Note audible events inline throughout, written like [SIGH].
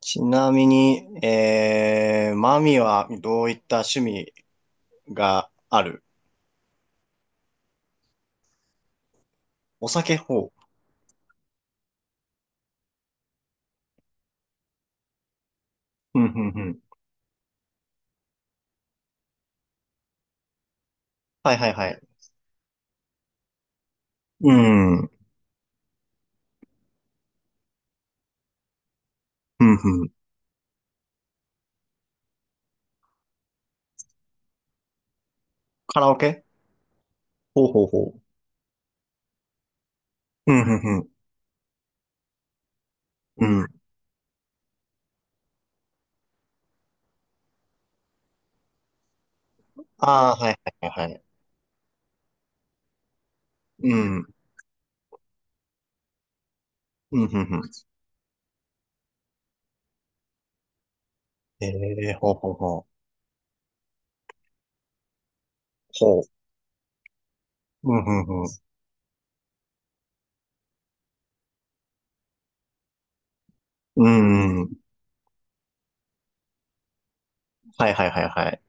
ちなみに、マミはどういった趣味がある？お酒ほう。うん、うん、うん。はいはいはい。うん、うん、うん。カラオケ？ほうほうほう。うん、うん、うん。うん。ああ、はいはいはいはい。うん、うん、うん、うん。えー、ほうほうほう。ほう。うん、うん、うん。うん、はいはいはいはい。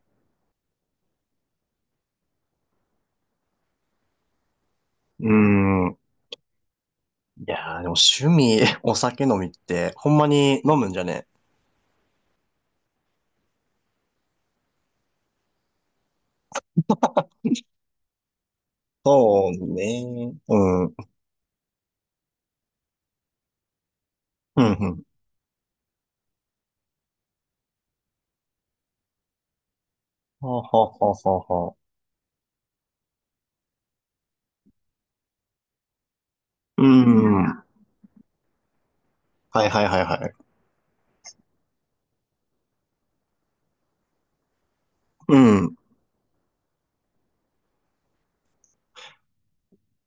うん。いやー、でも趣味、[LAUGHS] お酒飲みって、ほんまに飲むんじゃね？そうね。うん。うん、うん、はあはあはあはあはあ。うん。はいはいはいはい。うん。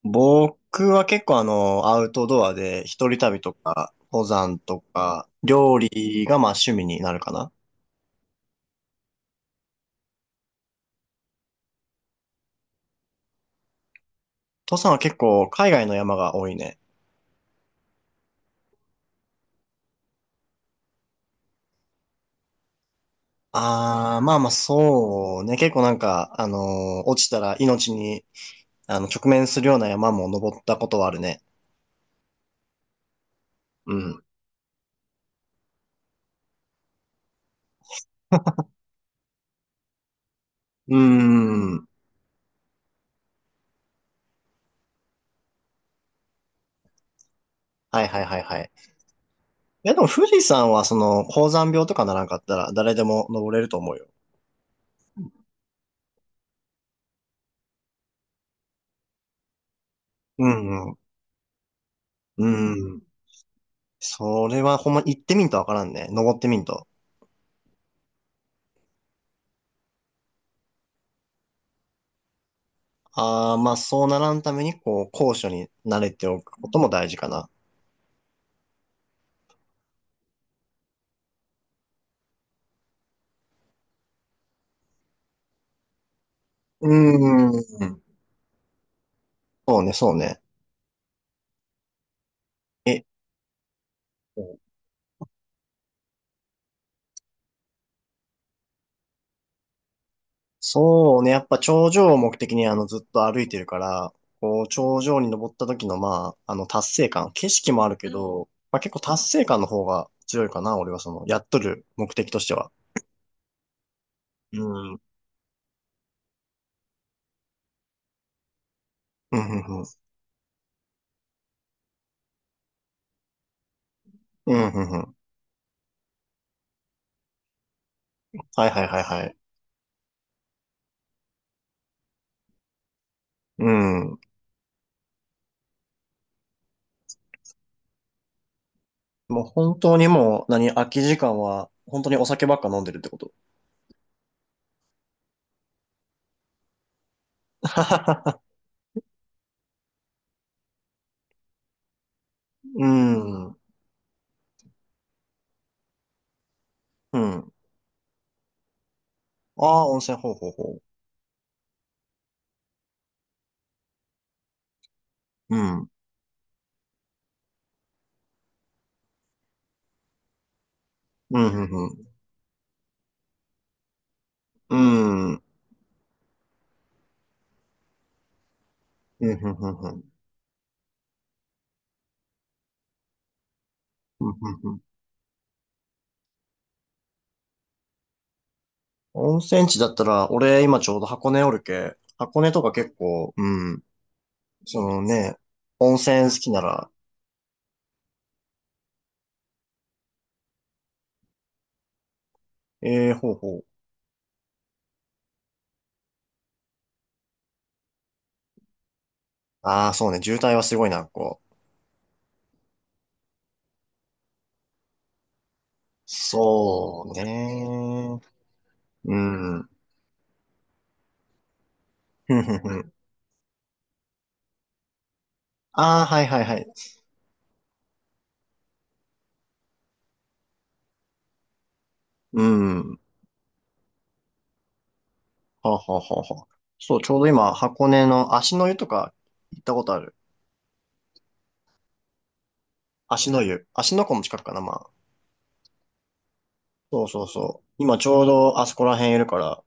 僕は結構あの、アウトドアで一人旅とか、登山とか、料理がまあ趣味になるかな。登山は結構海外の山が多いね。ああ、まあまあそうね。結構なんか、落ちたら命に、あの、直面するような山も登ったことはあるね。うん。うーん。はいはいはいはい。いやでも富士山はその、高山病とかならんかったら誰でも登れると思うよ。うんうん。うん。それはほんま行ってみんとわからんね。登ってみんと。ああ、まあそうならんために、こう、高所に慣れておくことも大事かな。うーん。そうね、そうね。え、そうね。やっぱ頂上を目的にあのずっと歩いてるから、こう、頂上に登った時のまあ、あの達成感、景色もあるけど、まあ結構達成感の方が強いかな。俺はその、やっとる目的としては。うん。うん、うん、うん。うん、うん、うん。はいはいはいはい。うん。もう本当にもう、何、空き時間は、本当にお酒ばっか飲んでるってこと？[LAUGHS] うん。うん。ああ、温泉、ほうほうほう。うん。うん、うん、うん。うん。うん、うん、うん、うん。うんうんうん。温泉地だったら、俺今ちょうど箱根おるけ、箱根とか結構、うん。そのね、温泉好きなら、ええほうほう。ああ、そうね、渋滞はすごいな、こう。そうね。うん。ふんふんふん。ああ、はいはいはい。うん。はあはあはあはあ。そう、ちょうど今、箱根の足の湯とか行ったことある？足の湯。足の湖も近くかな、まあ。そうそうそう。今ちょうどあそこら辺いるから、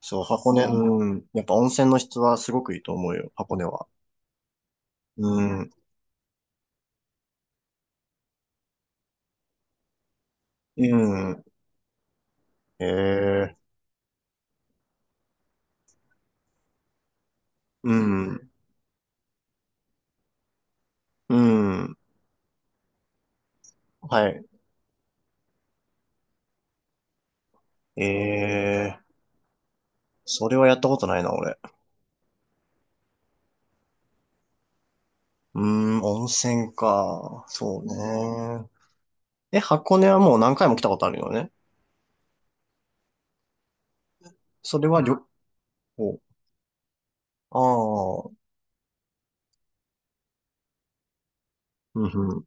そう、箱根、うん。やっぱ温泉の質はすごくいいと思うよ、箱根は。うん。うん。ええ、うん。うん。はい。ええ、それはやったことないな、俺。うん、温泉か。そうね。え、箱根はもう何回も来たことあるよね？それは旅行。ああ。うんうん。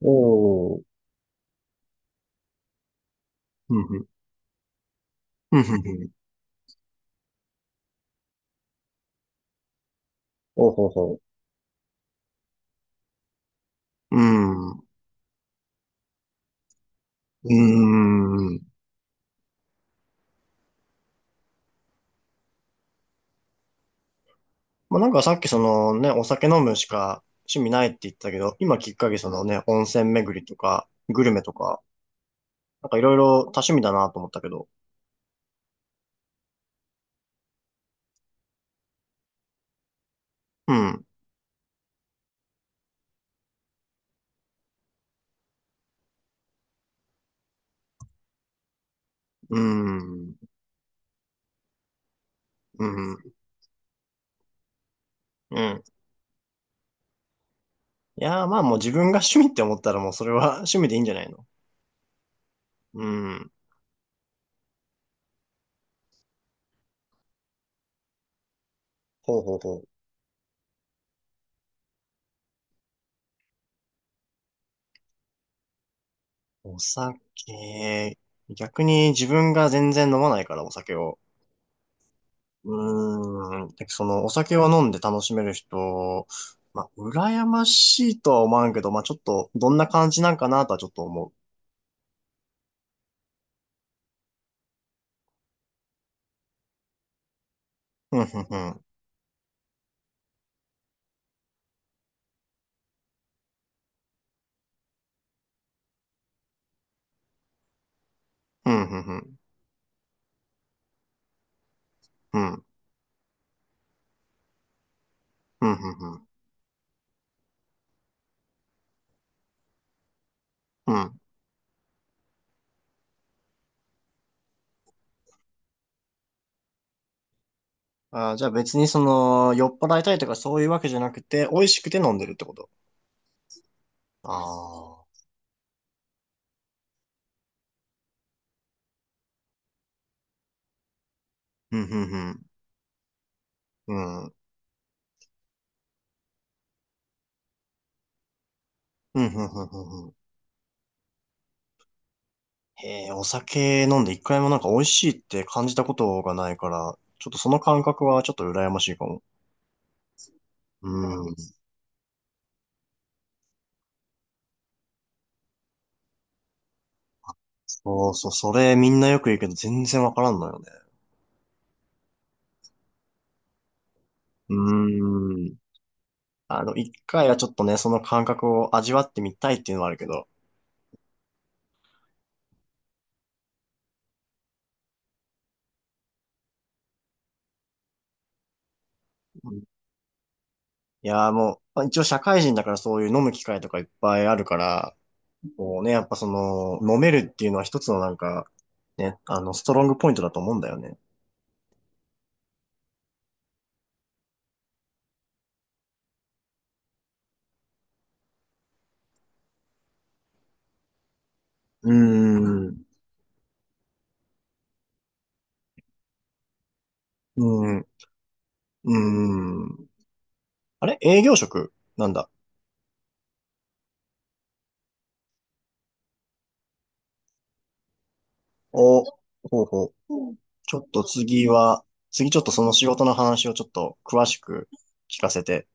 おー、うんうん。うんうんうん。おうほうほう。うん。うーん。まあ、なんかさっきそのね、お酒飲むしか趣味ないって言ったけど、今きっかけそのね、温泉巡りとか、グルメとか、なんかいろいろ多趣味だなと思ったけど。うん。うん。うん。うん。いやーまあもう自分が趣味って思ったらもうそれは [LAUGHS] 趣味でいいんじゃないの？うん。ほうほうほう。お酒。逆に自分が全然飲まないから、お酒を。うーん。でその、お酒を飲んで楽しめる人、まあ、羨ましいとは思わんけど、まあ、ちょっと、どんな感じなんかなとはちょっと思う。うん、ふんふん。うん、ふんふん。うん、うん、ふんふん。うん。あー、じゃあ別にその、酔っ払いたいとかそういうわけじゃなくて、美味しくて飲んでるってこと？ああ。うん、ふんふん。うん。うん、ふんふんふんふん。へえ、お酒飲んで一回もなんか美味しいって感じたことがないから、ちょっとその感覚はちょっと羨ましいかも。う、そうそう、それみんなよく言うけど全然わからんのよね。うーん。あの、一回はちょっとね、その感覚を味わってみたいっていうのはあるけど。うん、いやーもう、まあ一応社会人だからそういう飲む機会とかいっぱいあるから、こうね、やっぱその、飲めるっていうのは一つのなんか、ね、あの、ストロングポイントだと思うんだよね。うーん。うーん。うーん。あれ営業職なんだ。お、ほうほう。うん、ちょっと次は、次ちょっとその仕事の話をちょっと詳しく聞かせて。